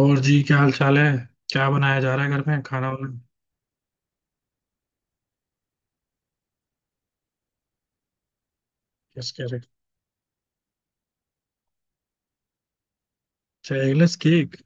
और जी, क्या हाल चाल है। क्या बनाया जा रहा है घर में, खाना वाना। यस, कह रहे। अच्छा, एगलेस केक।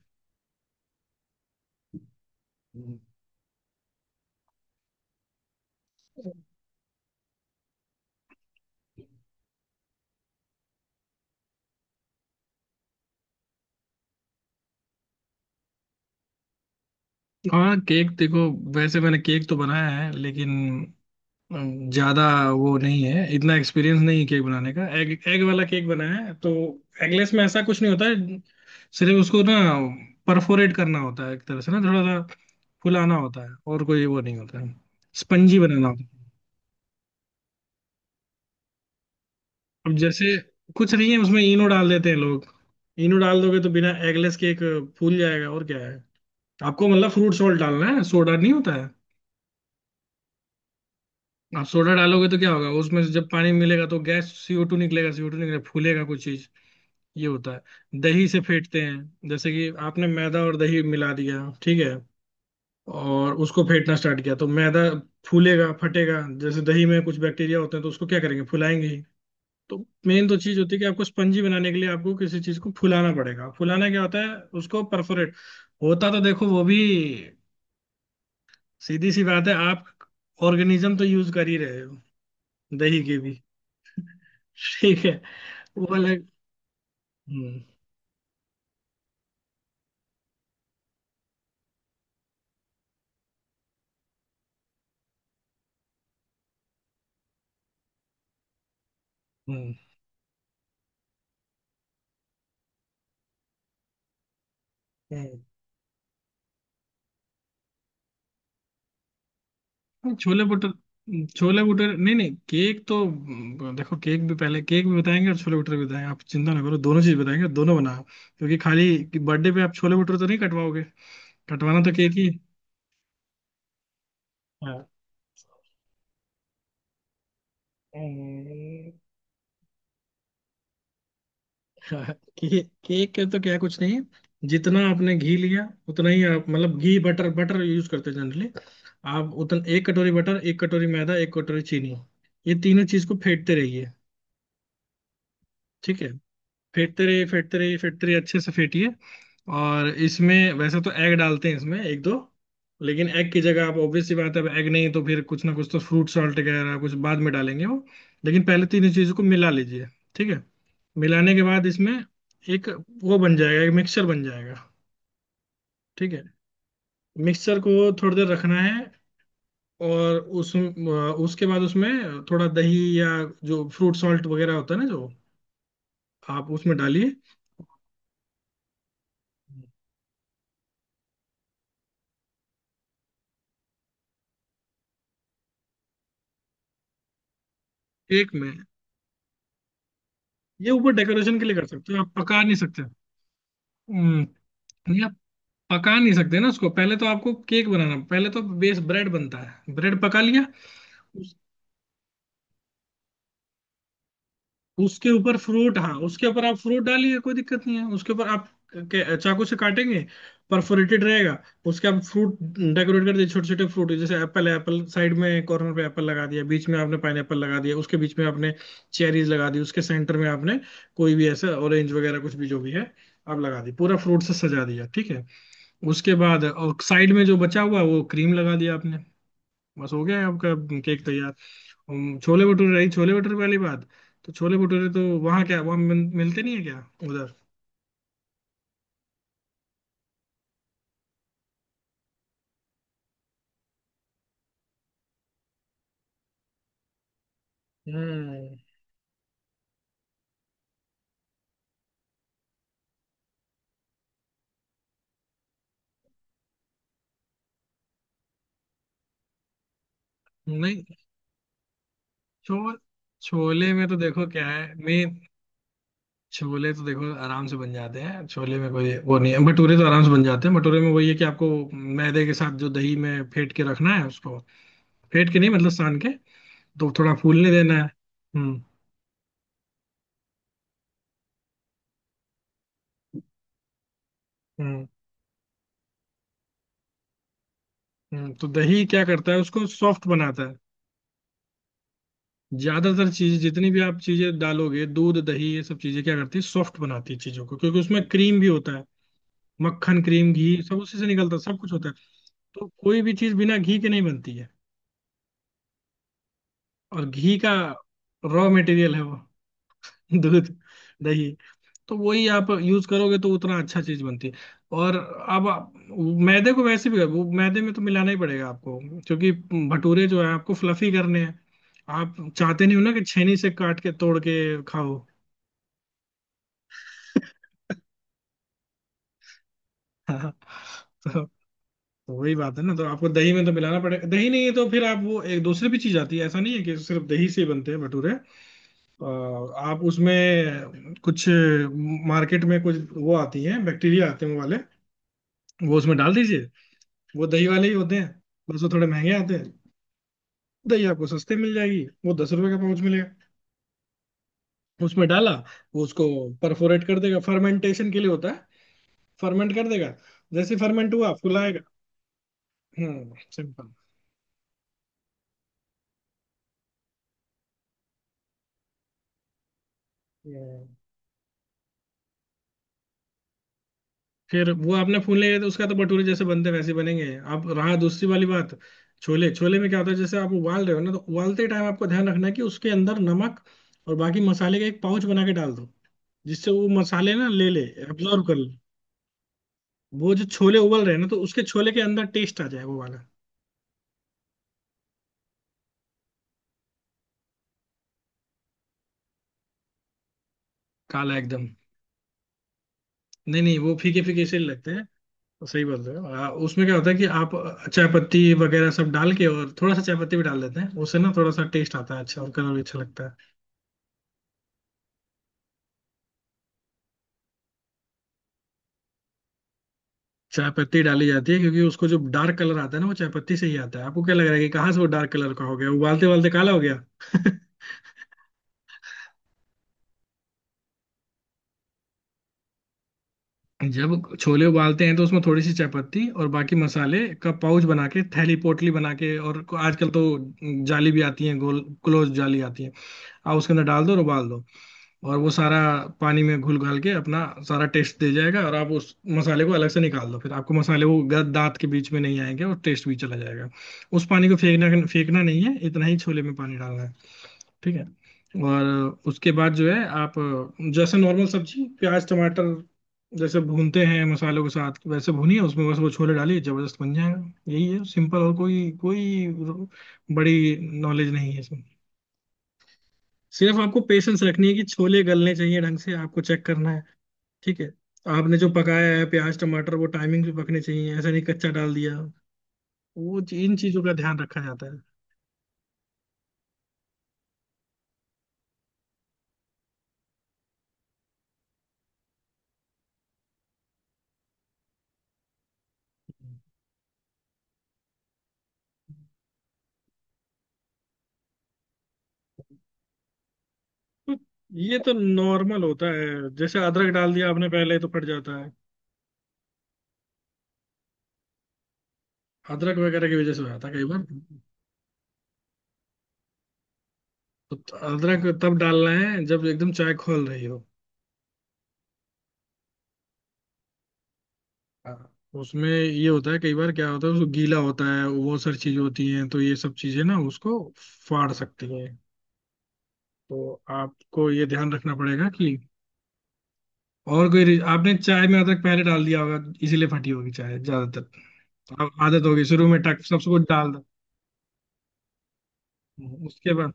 हाँ, केक देखो, वैसे मैंने केक तो बनाया है, लेकिन ज्यादा वो नहीं है, इतना एक्सपीरियंस नहीं है केक बनाने का। एग एग वाला केक बनाया है तो। एगलेस में ऐसा कुछ नहीं होता है, सिर्फ उसको ना परफोरेट करना होता है, एक तरह से ना थोड़ा सा फुलाना होता है, और कोई वो नहीं होता है। स्पंजी बनाना होता है। अब जैसे, कुछ नहीं है उसमें, इनो डाल देते हैं लोग। इनो डाल दोगे तो बिना एगलेस केक फूल जाएगा, और क्या है, आपको मतलब फ्रूट सॉल्ट डालना है, सोडा नहीं होता है। आप सोडा डालोगे तो क्या होगा, उसमें से जब पानी मिलेगा तो गैस सीओ टू निकलेगा, सीओ टू निकलेगा, फूलेगा कुछ चीज। ये होता है दही से, फेंटते हैं जैसे कि आपने मैदा और दही मिला दिया, ठीक है, और उसको फेंटना स्टार्ट किया तो मैदा फूलेगा, फटेगा। जैसे दही में कुछ बैक्टीरिया होते हैं, तो उसको क्या करेंगे, फुलाएंगे ही। तो मेन तो चीज होती है कि आपको स्पंजी बनाने के लिए आपको किसी चीज को फुलाना पड़ेगा। फुलाना क्या होता है, उसको परफोरेट होता। तो देखो, वो भी सीधी सी बात है, आप ऑर्गेनिज्म तो यूज कर ही रहे हो, दही की भी। ठीक है, वो अलग। हम्म। हम्म। हम्म। नहीं, छोले भटूरे, छोले भटूरे, नहीं नहीं, केक तो देखो, केक भी पहले, केक भी बताएंगे और छोले भटूरे भी बताएंगे, आप चिंता ना करो, दोनों चीज बताएंगे, दोनों बनाओ। क्योंकि खाली बर्थडे पे आप छोले भटूरे तो नहीं कटवाओगे, कटवाना तो केक ही है। हाँ। हम्म। केक, केक के तो क्या, कुछ नहीं है। जितना आपने घी लिया उतना ही आप, मतलब घी बटर, बटर यूज करते हैं जनरली आप, उतना एक कटोरी बटर, एक कटोरी मैदा, एक कटोरी चीनी, ये तीनों चीज को फेंटते रहिए। ठीक है, फेंटते रहिए, फेंटते रहिए, फेंटते रहिए, अच्छे से फेंटिए। और इसमें वैसे तो एग डालते हैं इसमें एक दो, लेकिन एग की जगह आप, ऑब्वियस सी बात है, अब एग नहीं तो फिर कुछ ना कुछ तो, फ्रूट सॉल्ट वगैरह कुछ बाद में डालेंगे वो, लेकिन पहले तीनों चीजों को मिला लीजिए। ठीक है, मिलाने के बाद इसमें एक, वो बन जाएगा, एक मिक्सचर बन जाएगा। ठीक है, मिक्सचर को थोड़ी देर रखना है, और उस उसके बाद उसमें थोड़ा दही, या जो फ्रूट सॉल्ट वगैरह होता है ना, जो आप उसमें डालिए। एक में ये ऊपर डेकोरेशन के लिए कर सकते हो, आप पका नहीं सकते। हम्म, नहीं, आप पका नहीं सकते ना उसको। पहले तो आपको केक बनाना, पहले तो बेस ब्रेड बनता है, ब्रेड पका लिया, उसके ऊपर फ्रूट। हाँ, उसके ऊपर आप फ्रूट डालिए, कोई दिक्कत नहीं है। उसके ऊपर आप चाकू से काटेंगे, परफोरेटेड रहेगा, उसके आप फ्रूट डेकोरेट कर दिए, छोटे छोटे फ्रूट, जैसे एप्पल है, एप्पल साइड में कॉर्नर पे एप्पल लगा दिया, बीच में आपने पाइनएप्पल लगा दिया, उसके बीच में आपने चेरीज लगा दी, उसके सेंटर में आपने कोई भी ऐसा ऑरेंज वगैरह कुछ भी जो भी है आप लगा दी, पूरा फ्रूट से सजा दिया। ठीक है, उसके बाद और साइड में जो बचा हुआ है वो क्रीम लगा दिया आपने, बस हो गया है आपका केक तैयार। हम, छोले भटूरे, रही छोले भटूरे वाली बात। तो छोले भटूरे तो वहाँ क्या, वहाँ मिलते नहीं है क्या उधर। हम्म। नहीं, छो, छोले में तो देखो क्या है, मैं। छोले तो देखो आराम से बन जाते हैं, छोले में कोई वो नहीं है। भटूरे तो आराम से बन जाते हैं, भटूरे में वही है कि आपको मैदे के साथ जो दही में फेंट के रखना है उसको, फेंट के नहीं मतलब सान के, तो थोड़ा फूलने देना है। हम्म हम्म तो दही क्या करता है, उसको सॉफ्ट बनाता है। ज्यादातर चीज, जितनी भी आप चीजें डालोगे, दूध दही, ये सब चीजें क्या करती है, सॉफ्ट बनाती है चीजों को। क्योंकि उसमें क्रीम भी होता है, मक्खन, क्रीम, घी सब उसी से निकलता है, सब कुछ होता है। तो कोई भी चीज बिना घी के नहीं बनती है, और घी का रॉ मटेरियल है वो, दूध, दही। तो वही आप यूज करोगे तो उतना अच्छा चीज बनती है। और अब आप मैदे को वैसे भी, वो मैदे में तो मिलाना ही पड़ेगा आपको, क्योंकि भटूरे जो है आपको फ्लफी करने हैं, आप चाहते नहीं हो ना कि छेनी से काट के तोड़ के खाओ। हाँ, तो तो वही बात है ना, तो आपको दही में तो मिलाना पड़ेगा। दही नहीं है तो फिर आप, वो एक दूसरी भी चीज आती है, ऐसा नहीं है कि सिर्फ दही से ही बनते हैं भटूरे। आप उसमें कुछ, मार्केट में कुछ वो आती है, बैक्टीरिया आते हैं वो वाले, वो उसमें डाल दीजिए, वो दही वाले ही होते हैं, बस वो थोड़े महंगे आते हैं। दही आपको सस्ते मिल जाएगी, वो दस रुपए का पाउच मिलेगा, उसमें डाला, वो उसको परफोरेट कर देगा, फर्मेंटेशन के लिए होता है, फर्मेंट कर देगा, जैसे फर्मेंट हुआ फुलाएगा। हम्म सिंपल। फिर वो आपने फूल नहीं रहे तो उसका, तो भटूरे जैसे बनते हैं, वैसे बनेंगे। अब रहा दूसरी वाली बात, छोले, छोले में क्या होता है, जैसे आप उबाल रहे हो ना, तो उबालते टाइम आपको ध्यान रखना है कि उसके अंदर नमक और बाकी मसाले का एक पाउच बना के डाल दो, जिससे वो मसाले ना ले ले, एब्जॉर्व कर ले। वो जो छोले उबल रहे हैं ना, तो उसके छोले के अंदर टेस्ट आ जाए वो वाला, काला एकदम। नहीं नहीं, वो फीके फीके से लगते हैं तो, सही बोल रहे हो। उसमें क्या होता है कि आप चाय पत्ती वगैरह सब डाल के, और थोड़ा सा चाय पत्ती भी डाल देते हैं, उससे ना थोड़ा सा टेस्ट आता है अच्छा, और कलर भी अच्छा लगता है। चाय पत्ती डाली जाती है क्योंकि उसको जो डार्क कलर आता है ना, वो चाय पत्ती से ही आता है, आपको क्या लग रहा है कि कहाँ से वो डार्क कलर का हो गया, उबालते उबालते काला हो गया। जब छोले उबालते हैं तो उसमें थोड़ी सी चाय पत्ती और बाकी मसाले का पाउच बना के, थैली पोटली बना के, और आजकल तो जाली भी आती है, गोल क्लोज जाली आती है, आप उसके अंदर डाल दो और उबाल दो, और वो सारा पानी में घुल घाल के अपना सारा टेस्ट दे जाएगा, और आप उस मसाले को अलग से निकाल दो, फिर आपको मसाले वो दांत के बीच में नहीं आएंगे, और टेस्ट भी चला जाएगा। उस पानी को फेंकना, फेंकना नहीं है, इतना ही छोले में पानी डालना है। ठीक है, और उसके बाद जो है आप जैसे नॉर्मल सब्जी प्याज टमाटर जैसे भूनते हैं मसालों के साथ, वैसे भूनिए उसमें बस वो छोले डालिए, जबरदस्त बन जाएगा, यही है सिंपल, और कोई कोई बड़ी नॉलेज नहीं है इसमें। सिर्फ आपको पेशेंस रखनी है कि छोले गलने चाहिए ढंग से, आपको चेक करना है। ठीक है, आपने जो पकाया है, प्याज टमाटर, वो टाइमिंग पे पकने चाहिए, ऐसा नहीं कच्चा डाल दिया, वो इन चीजों का ध्यान रखा जाता है। तो ये तो नॉर्मल होता है, जैसे अदरक डाल दिया आपने पहले तो फट जाता है, अदरक वगैरह की वजह से हो जाता है कई बार, तो अदरक तब डालना है जब एकदम चाय खोल रही हो। हाँ। उसमें ये होता है कई बार, क्या होता है उसको गीला होता है, वो सारी चीजें होती हैं, तो ये सब चीजें ना उसको फाड़ सकती हैं। तो आपको ये ध्यान रखना पड़ेगा कि, और कोई आपने चाय में अदरक पहले डाल दिया होगा, इसीलिए फटी होगी चाय ज्यादातर। अब आदत होगी शुरू में टक सब कुछ डाल दो, उसके बाद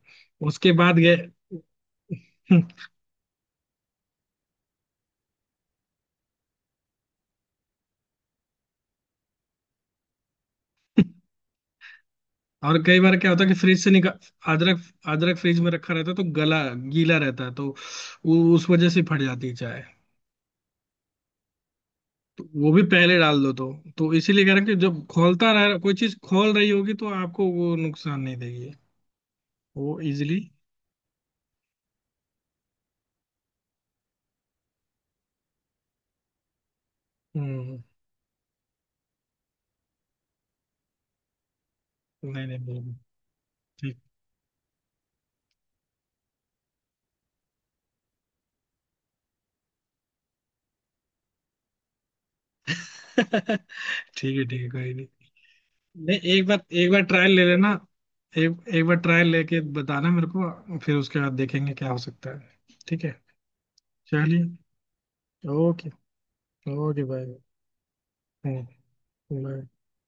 उसके बाद गए। और कई बार क्या होता है कि फ्रिज से निकाल, अदरक, अदरक फ्रिज में रखा रहता है तो गला गीला रहता है, तो उस वजह से फट जाती है चाय, तो वो भी पहले डाल दो तो। तो इसीलिए कह रहा कि जब खोलता रह, कोई चीज खोल रही होगी तो आपको वो नुकसान नहीं देगी, वो इजिली। हम्म। नहीं नहीं, बिल्कुल ठीक। ठीक है, ठीक है, कोई नहीं। नहीं, एक बार एक बार ट्रायल ले लेना, एक एक बार ट्रायल लेके बताना मेरे को, फिर उसके बाद देखेंगे क्या हो सकता है। ठीक है, चलिए, ओके। Okay, bye. बाय।